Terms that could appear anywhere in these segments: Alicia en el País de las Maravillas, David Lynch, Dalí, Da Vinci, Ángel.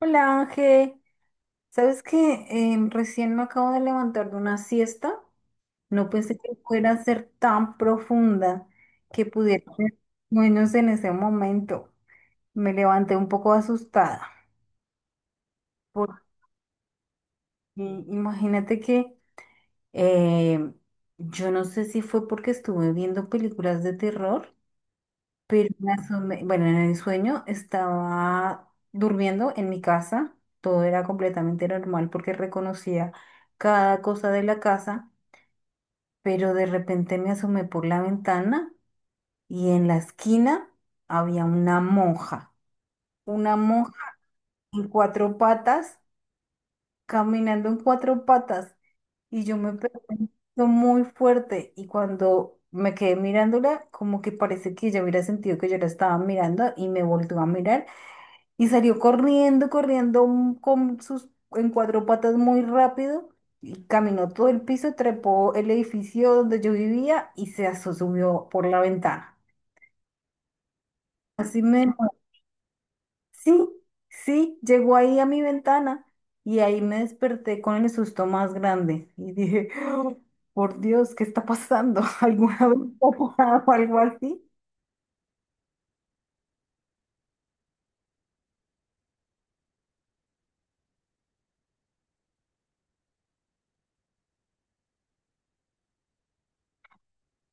Hola Ángel, ¿sabes que recién me acabo de levantar de una siesta? No pensé que fuera a ser tan profunda que pudiera ser menos en ese momento. Me levanté un poco asustada porque imagínate que em, yo no sé si fue porque estuve viendo películas de terror. Pero bueno, en el sueño estaba durmiendo en mi casa, todo era completamente normal porque reconocía cada cosa de la casa, pero de repente me asomé por la ventana y en la esquina había una monja en cuatro patas, caminando en cuatro patas y yo me pregunto muy fuerte y cuando me quedé mirándola, como que parece que ella hubiera sentido que yo la estaba mirando y me volvió a mirar. Y salió corriendo, corriendo con sus en cuatro patas muy rápido y caminó todo el piso, trepó el edificio donde yo vivía y subió por la ventana. Así me... Sí, sí, llegó ahí a mi ventana y ahí me desperté con el susto más grande y dije, "Oh, por Dios, ¿qué está pasando? ¿Alguna vez ha pasado algo así?"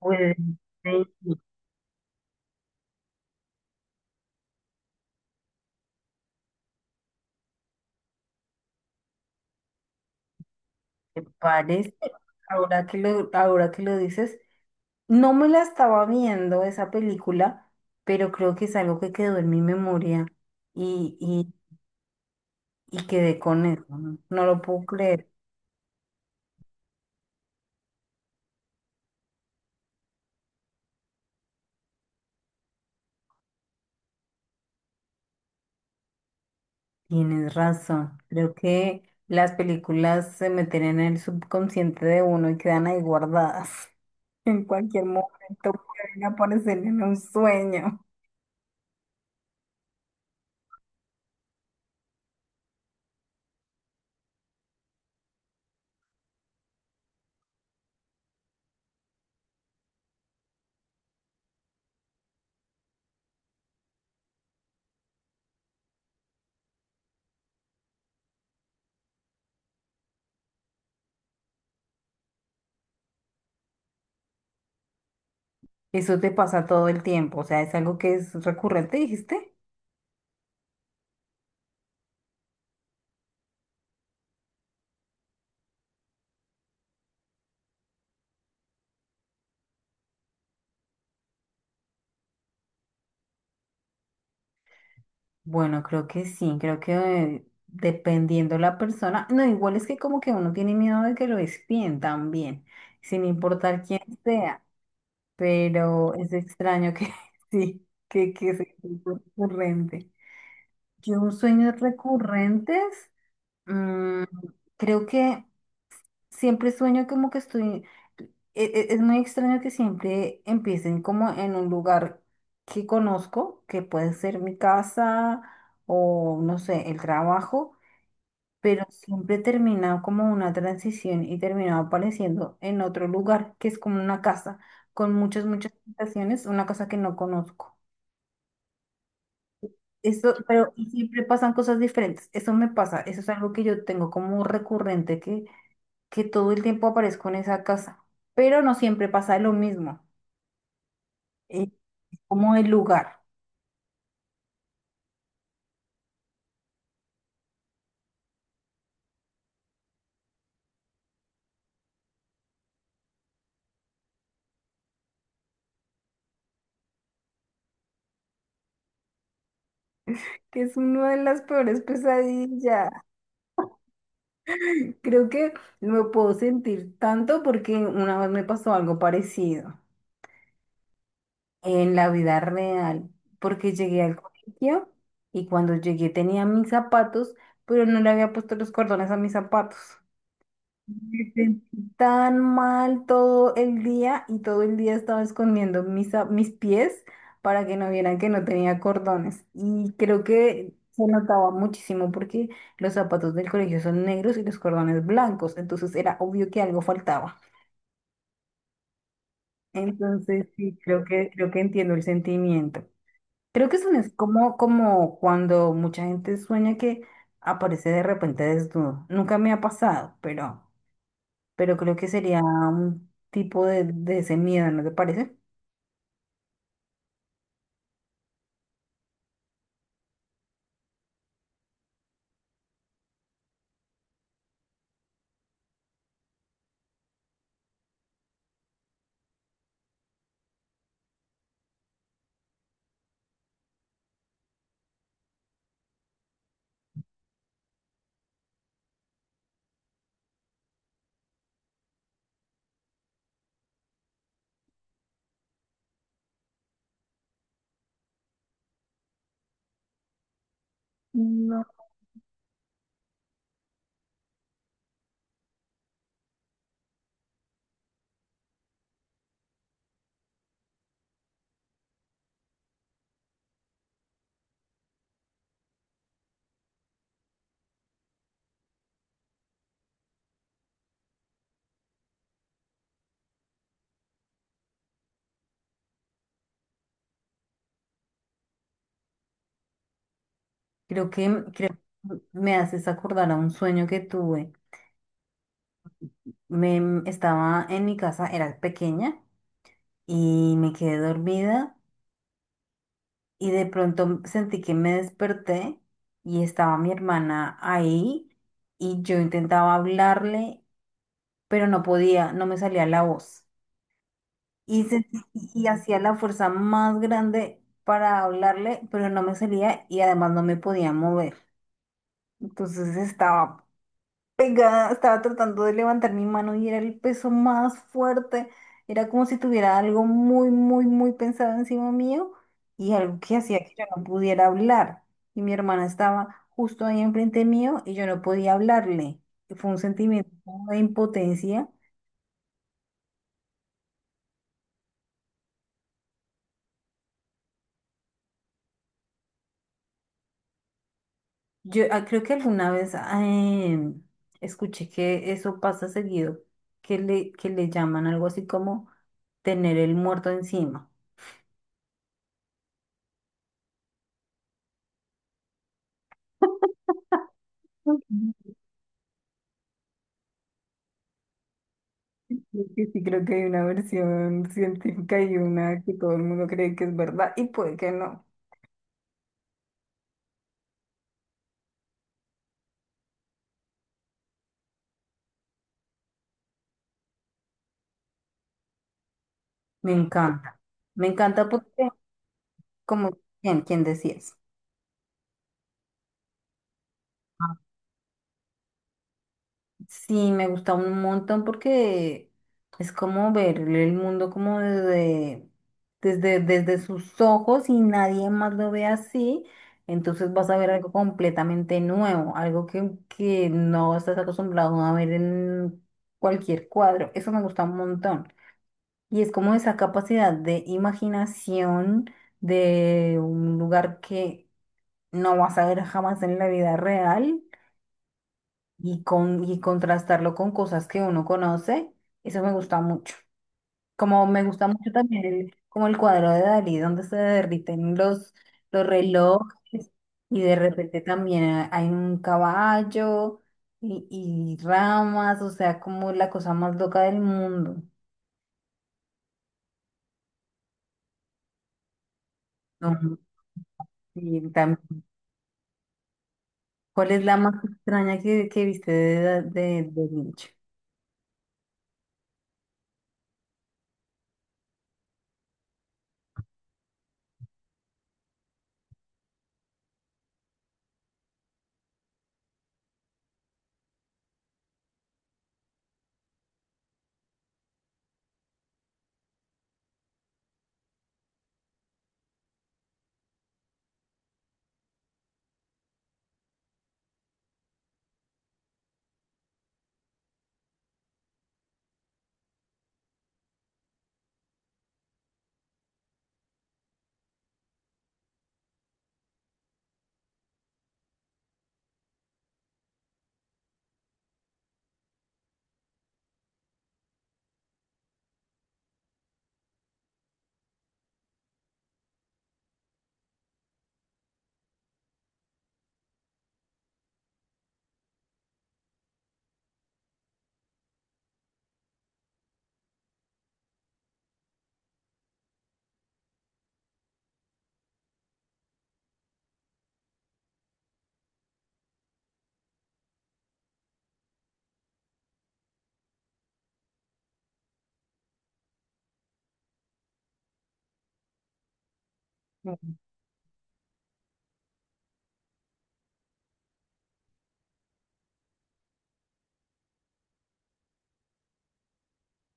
Pues, sí, me parece, ahora ahora que lo dices. No me la estaba viendo esa película, pero creo que es algo que quedó en mi memoria y, y, y quedé con eso. No lo puedo creer. Tienes razón. Creo que las películas se meten en el subconsciente de uno y quedan ahí guardadas. En cualquier momento pueden aparecer en un sueño. Eso te pasa todo el tiempo. O sea, es algo que es recurrente, dijiste. Bueno, creo que sí, creo que dependiendo la persona, no, igual es que como que uno tiene miedo de que lo espíen también, sin importar quién sea, pero es extraño que sí, que sea tan recurrente. Yo un sueño recurrentes, mm, creo que siempre sueño como que estoy, es muy extraño que siempre empiecen como en un lugar que conozco, que puede ser mi casa o no sé, el trabajo, pero siempre termina como una transición y termina apareciendo en otro lugar, que es como una casa, con muchas, muchas habitaciones, una casa que no conozco. Eso, pero y siempre pasan cosas diferentes. Eso me pasa, eso es algo que yo tengo como recurrente que todo el tiempo aparezco en esa casa, pero no siempre pasa lo mismo, eh, como el lugar, que es una de las peores pesadillas. Creo que me puedo sentir tanto porque una vez me pasó algo parecido en la vida real, porque llegué al colegio y cuando llegué tenía mis zapatos, pero no le había puesto los cordones a mis zapatos. Me sentí tan mal todo el día y todo el día estaba escondiendo mis pies para que no vieran que no tenía cordones. Y creo que se notaba muchísimo porque los zapatos del colegio son negros y los cordones blancos, entonces era obvio que algo faltaba. Entonces sí, creo que entiendo el sentimiento. Creo que eso no es como, como cuando mucha gente sueña que aparece de repente desnudo. Nunca me ha pasado, pero creo que sería un tipo de ese miedo, ¿no te parece? No. Creo que me haces acordar a un sueño que tuve. Estaba en mi casa, era pequeña, y me quedé dormida y de pronto sentí que me desperté y estaba mi hermana ahí y yo intentaba hablarle, pero no podía, no me salía la voz. Y, se- y hacía la fuerza más grande para hablarle, pero no me salía y además no me podía mover. Entonces estaba pegada, estaba tratando de levantar mi mano y era el peso más fuerte. Era como si tuviera algo muy, muy, muy pensado encima mío y algo que hacía que yo no pudiera hablar. Y mi hermana estaba justo ahí enfrente mío y yo no podía hablarle. Fue un sentimiento como de impotencia. Yo creo que alguna vez escuché que eso pasa seguido, que le llaman algo así como tener el muerto encima. Ujú. Creo que Sí, creo que hay una versión científica y una que todo el mundo cree que es verdad y puede que no. Me encanta. Me encanta porque, como, ¿quién, quién decías? Sí, me gusta un montón porque es como ver el mundo como desde, desde sus ojos y nadie más lo ve así. Entonces vas a ver algo completamente nuevo, algo que no estás acostumbrado a ver en cualquier cuadro. Eso me gusta un montón. Y es como esa capacidad de imaginación de un lugar que no vas a ver jamás en la vida real y contrastarlo con cosas que uno conoce, eso me gusta mucho. Como me gusta mucho también el, como el cuadro de Dalí, donde se derriten los relojes y de repente también hay un caballo y, y ramas, o sea, como la cosa más loca del mundo. No, y tam- ¿cuál es la más extraña que viste de, de Vinci?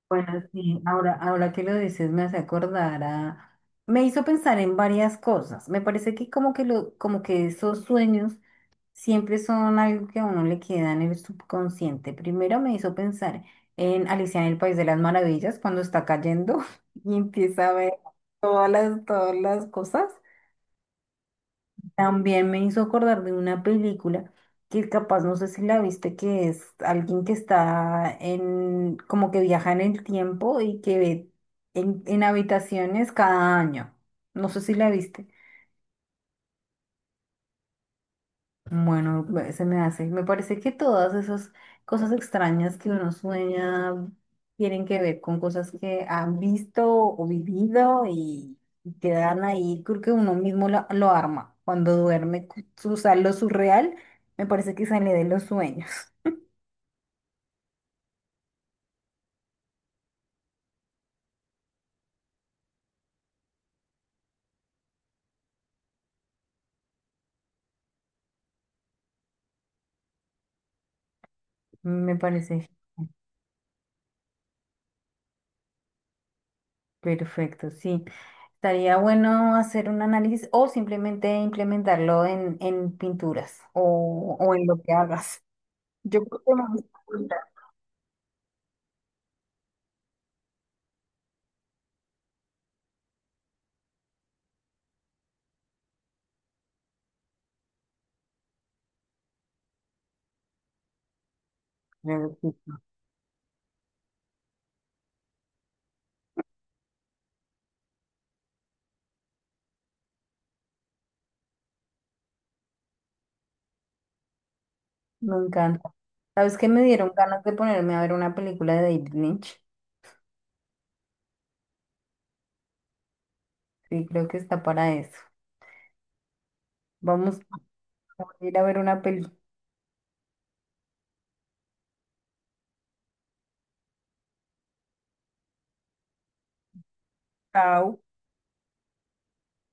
Bueno, sí, ahora, ahora que lo dices me hace acordar a... Me hizo pensar en varias cosas. Me parece que como que, como que esos sueños siempre son algo que a uno le queda en el subconsciente. Primero me hizo pensar en Alicia en el País de las Maravillas, cuando está cayendo y empieza a ver todas todas las cosas. También me hizo acordar de una película que capaz no sé si la viste, que es alguien que está en, como que viaja en el tiempo y que ve en habitaciones cada año. No sé si la viste. Bueno, se me hace. Me parece que todas esas cosas extrañas que uno sueña tienen que ver con cosas que han visto o vivido y quedan ahí. Creo que uno mismo lo arma. Cuando duerme, lo surreal, me parece que sale de los sueños. Me parece perfecto, sí. Estaría bueno hacer un análisis o simplemente implementarlo en pinturas o en lo que hagas. Yo creo que me gusta. Me encanta. ¿Sabes qué? Me dieron ganas de ponerme a ver una película de David Lynch. Sí, creo que está para eso. Vamos a ir a ver una película.